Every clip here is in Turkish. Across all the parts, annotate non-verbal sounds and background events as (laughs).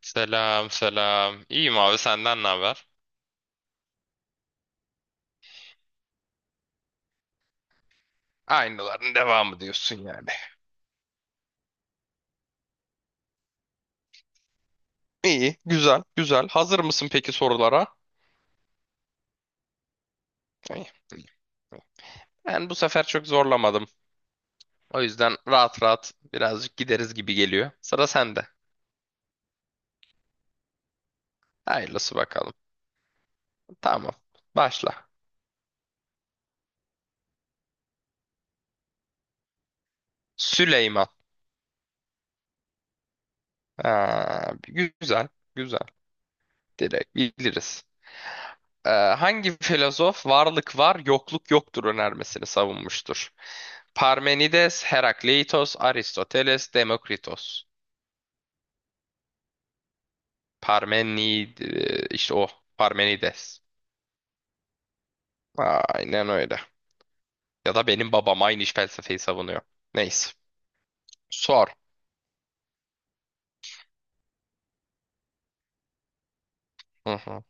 Selam selam. İyiyim abi senden ne haber? Aynıların devamı diyorsun yani. İyi, güzel, güzel. Hazır mısın peki sorulara? İyi, iyi. Ben bu sefer çok zorlamadım. O yüzden rahat rahat birazcık gideriz gibi geliyor. Sıra sende. Hayırlısı bakalım. Tamam. Başla. Süleyman. Ha, güzel, güzel. Direkt biliriz. Hangi filozof varlık var, yokluk yoktur önermesini savunmuştur? Parmenides, Herakleitos, Aristoteles, Demokritos. Parmenid işte o Parmenides. Aynen öyle. Ya da benim babam aynı iş felsefeyi savunuyor. Neyse. Sor. Hı hı.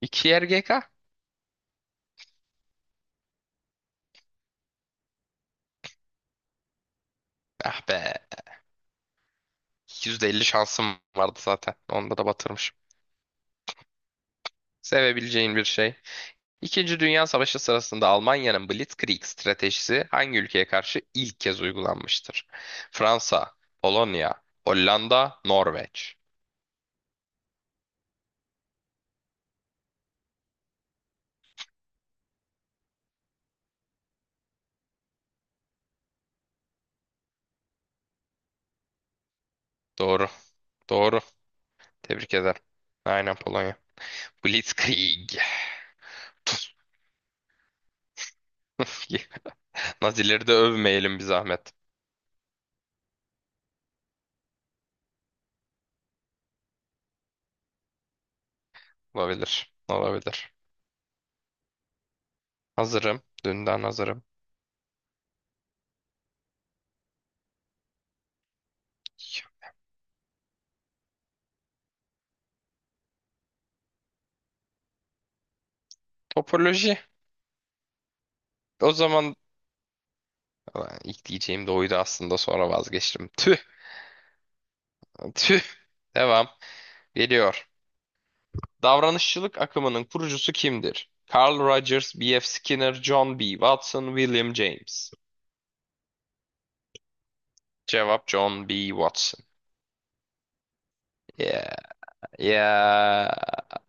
İki yer GK. Ah be. %50 şansım vardı zaten. Onda da batırmışım. Sevebileceğin bir şey. İkinci Dünya Savaşı sırasında Almanya'nın Blitzkrieg stratejisi hangi ülkeye karşı ilk kez uygulanmıştır? Fransa, Polonya, Hollanda, Norveç. Doğru. Doğru. Tebrik ederim. Aynen Polonya. Blitzkrieg. (laughs) Nazileri de övmeyelim bir zahmet. Olabilir. Olabilir. Hazırım. Dünden hazırım. Topoloji. O zaman. Ulan ilk diyeceğim de oydu aslında sonra vazgeçtim. Tüh. Tüh. Devam. Geliyor. Davranışçılık akımının kurucusu kimdir? Carl Rogers, B.F. Skinner, John B. Watson, William James. Cevap John B. Watson. Yeah. Ya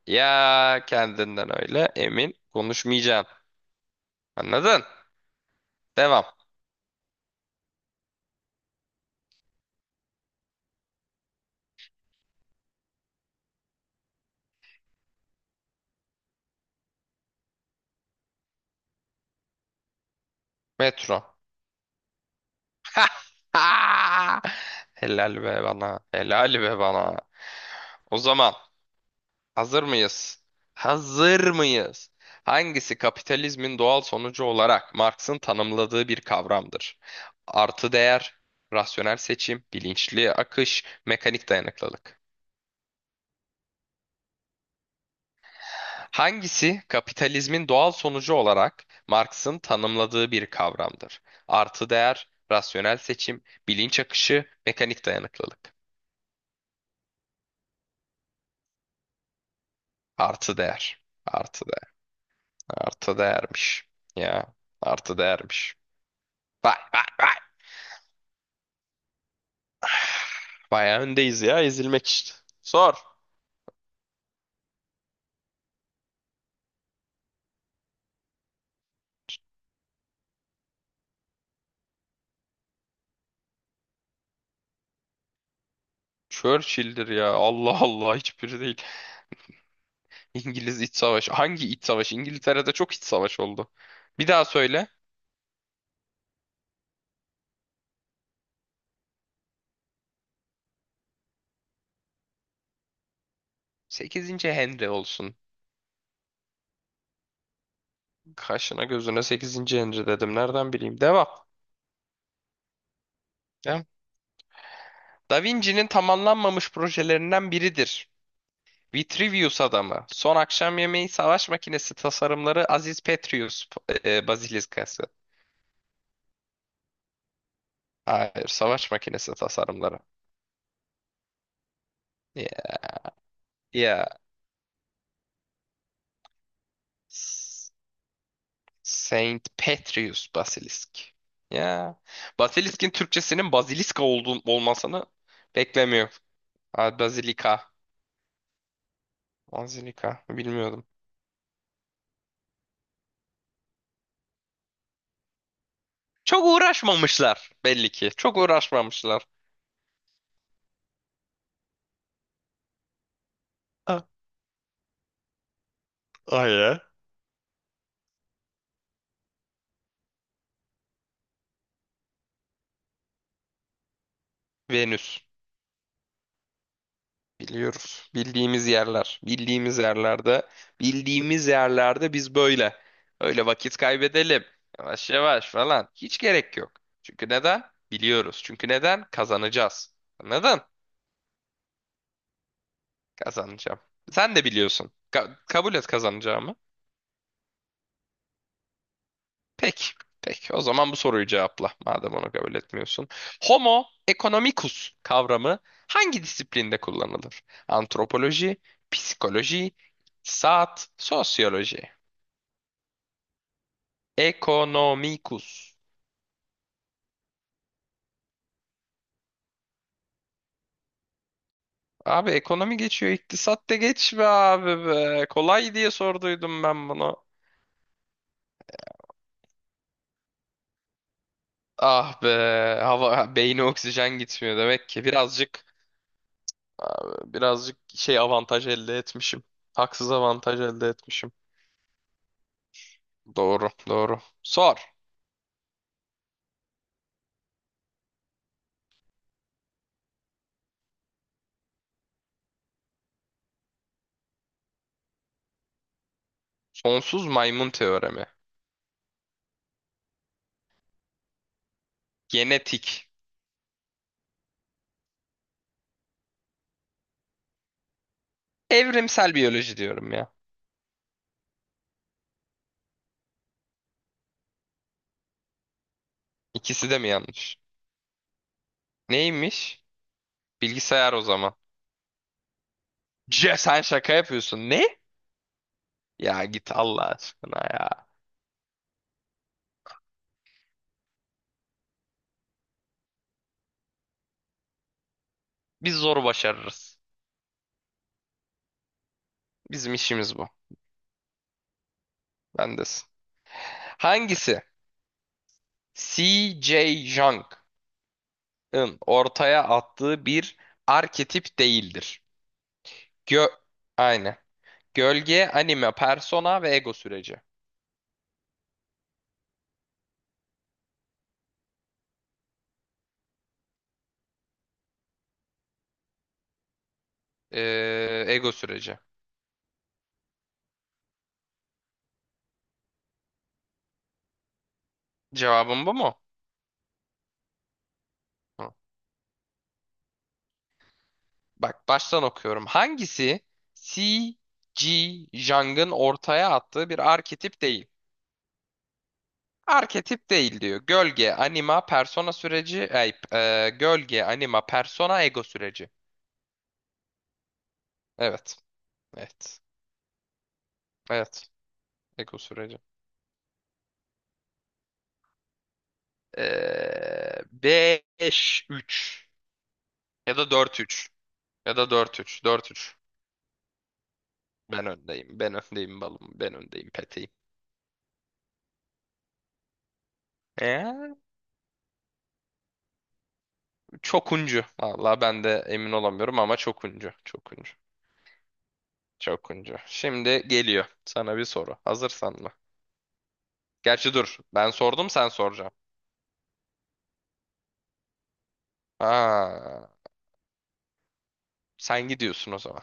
ya kendinden öyle emin konuşmayacağım. Anladın? Devam. Metro. (laughs) Helal be bana. Helal be bana. O zaman hazır mıyız? Hazır mıyız? Hangisi kapitalizmin doğal sonucu olarak Marx'ın tanımladığı bir kavramdır? Artı değer, rasyonel seçim, bilinçli akış, mekanik dayanıklılık. Hangisi kapitalizmin doğal sonucu olarak Marx'ın tanımladığı bir kavramdır? Artı değer, rasyonel seçim, bilinç akışı, mekanik dayanıklılık. Artı değer. Artı değer. Artı değermiş. Ya. Artı değermiş. Vay vay vay. Bayağı öndeyiz ya ezilmek işte. Sor. Churchill'dir ya. Allah Allah hiçbiri değil. İngiliz İç Savaşı. Hangi İç Savaşı? İngiltere'de çok iç savaş oldu. Bir daha söyle. Sekizinci Henry olsun. Kaşına gözüne sekizinci Henry dedim. Nereden bileyim? Devam. Ya. Da Vinci'nin tamamlanmamış projelerinden biridir. Vitruvius adamı. Son akşam yemeği savaş makinesi tasarımları Aziz Petrus Bazilikası. Hayır, savaş makinesi tasarımları. Ya. Ya. S- Saint Petrus Basilisk. Ya. Basilisk'in Türkçesinin baziliska olduğu olmasını beklemiyor. Ha, Bazilika. Bazilika. Bilmiyordum. Çok uğraşmamışlar belli ki. Çok uğraşmamışlar. Ha. Ay ya. Venüs. Biliyoruz. Bildiğimiz yerler. Bildiğimiz yerlerde. Bildiğimiz yerlerde biz böyle. Öyle vakit kaybedelim. Yavaş yavaş falan. Hiç gerek yok. Çünkü neden? Biliyoruz. Çünkü neden? Kazanacağız. Neden? Kazanacağım. Sen de biliyorsun. Kabul et kazanacağımı. Peki. Peki. O zaman bu soruyu cevapla. Madem onu kabul etmiyorsun. Homo economicus kavramı hangi disiplinde kullanılır? Antropoloji, psikoloji, iktisat, sosyoloji. Economicus. Abi ekonomi geçiyor, iktisat da geç be abi be. Kolay diye sorduydum ben bunu. Ah be, hava beyni oksijen gitmiyor demek ki. Birazcık abi, birazcık avantaj elde etmişim. Haksız avantaj elde etmişim. Doğru, doğru. Sor. Sonsuz maymun teoremi. Genetik. Evrimsel biyoloji diyorum ya. İkisi de mi yanlış? Neymiş? Bilgisayar o zaman. C sen şaka yapıyorsun. Ne? Ya git Allah aşkına ya. Biz zor başarırız. Bizim işimiz bu. Bendesin. Hangisi? C.J. Jung'ın ortaya attığı bir arketip değildir. Gö Aynen. Gölge, anime, persona ve ego süreci. Ego süreci. Cevabım bu mu? Hı. Bak baştan okuyorum. Hangisi C, G, Jung'ın ortaya attığı bir arketip değil? Arketip değil diyor. Gölge, anima, persona süreci, gölge, anima, persona, ego süreci. Evet. Evet. Evet. Ego süreci. 5-3 ya da 4-3 ya da 4-3. 4-3. Ben öndeyim. Ben öndeyim balım. Ben öndeyim peteyim. Çokuncu. Valla ben de emin olamıyorum ama çokuncu. Çokuncu. Çokuncu. Şimdi geliyor. Sana bir soru. Hazırsan mı? Gerçi dur. Ben sordum sen soracaksın. Aa, sen gidiyorsun o zaman.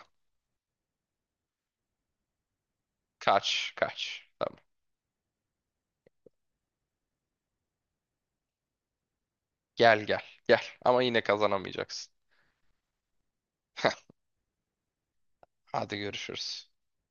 Kaç. Kaç. Tamam. Gel gel. Gel. Ama yine kazanamayacaksın. (laughs) Hadi görüşürüz.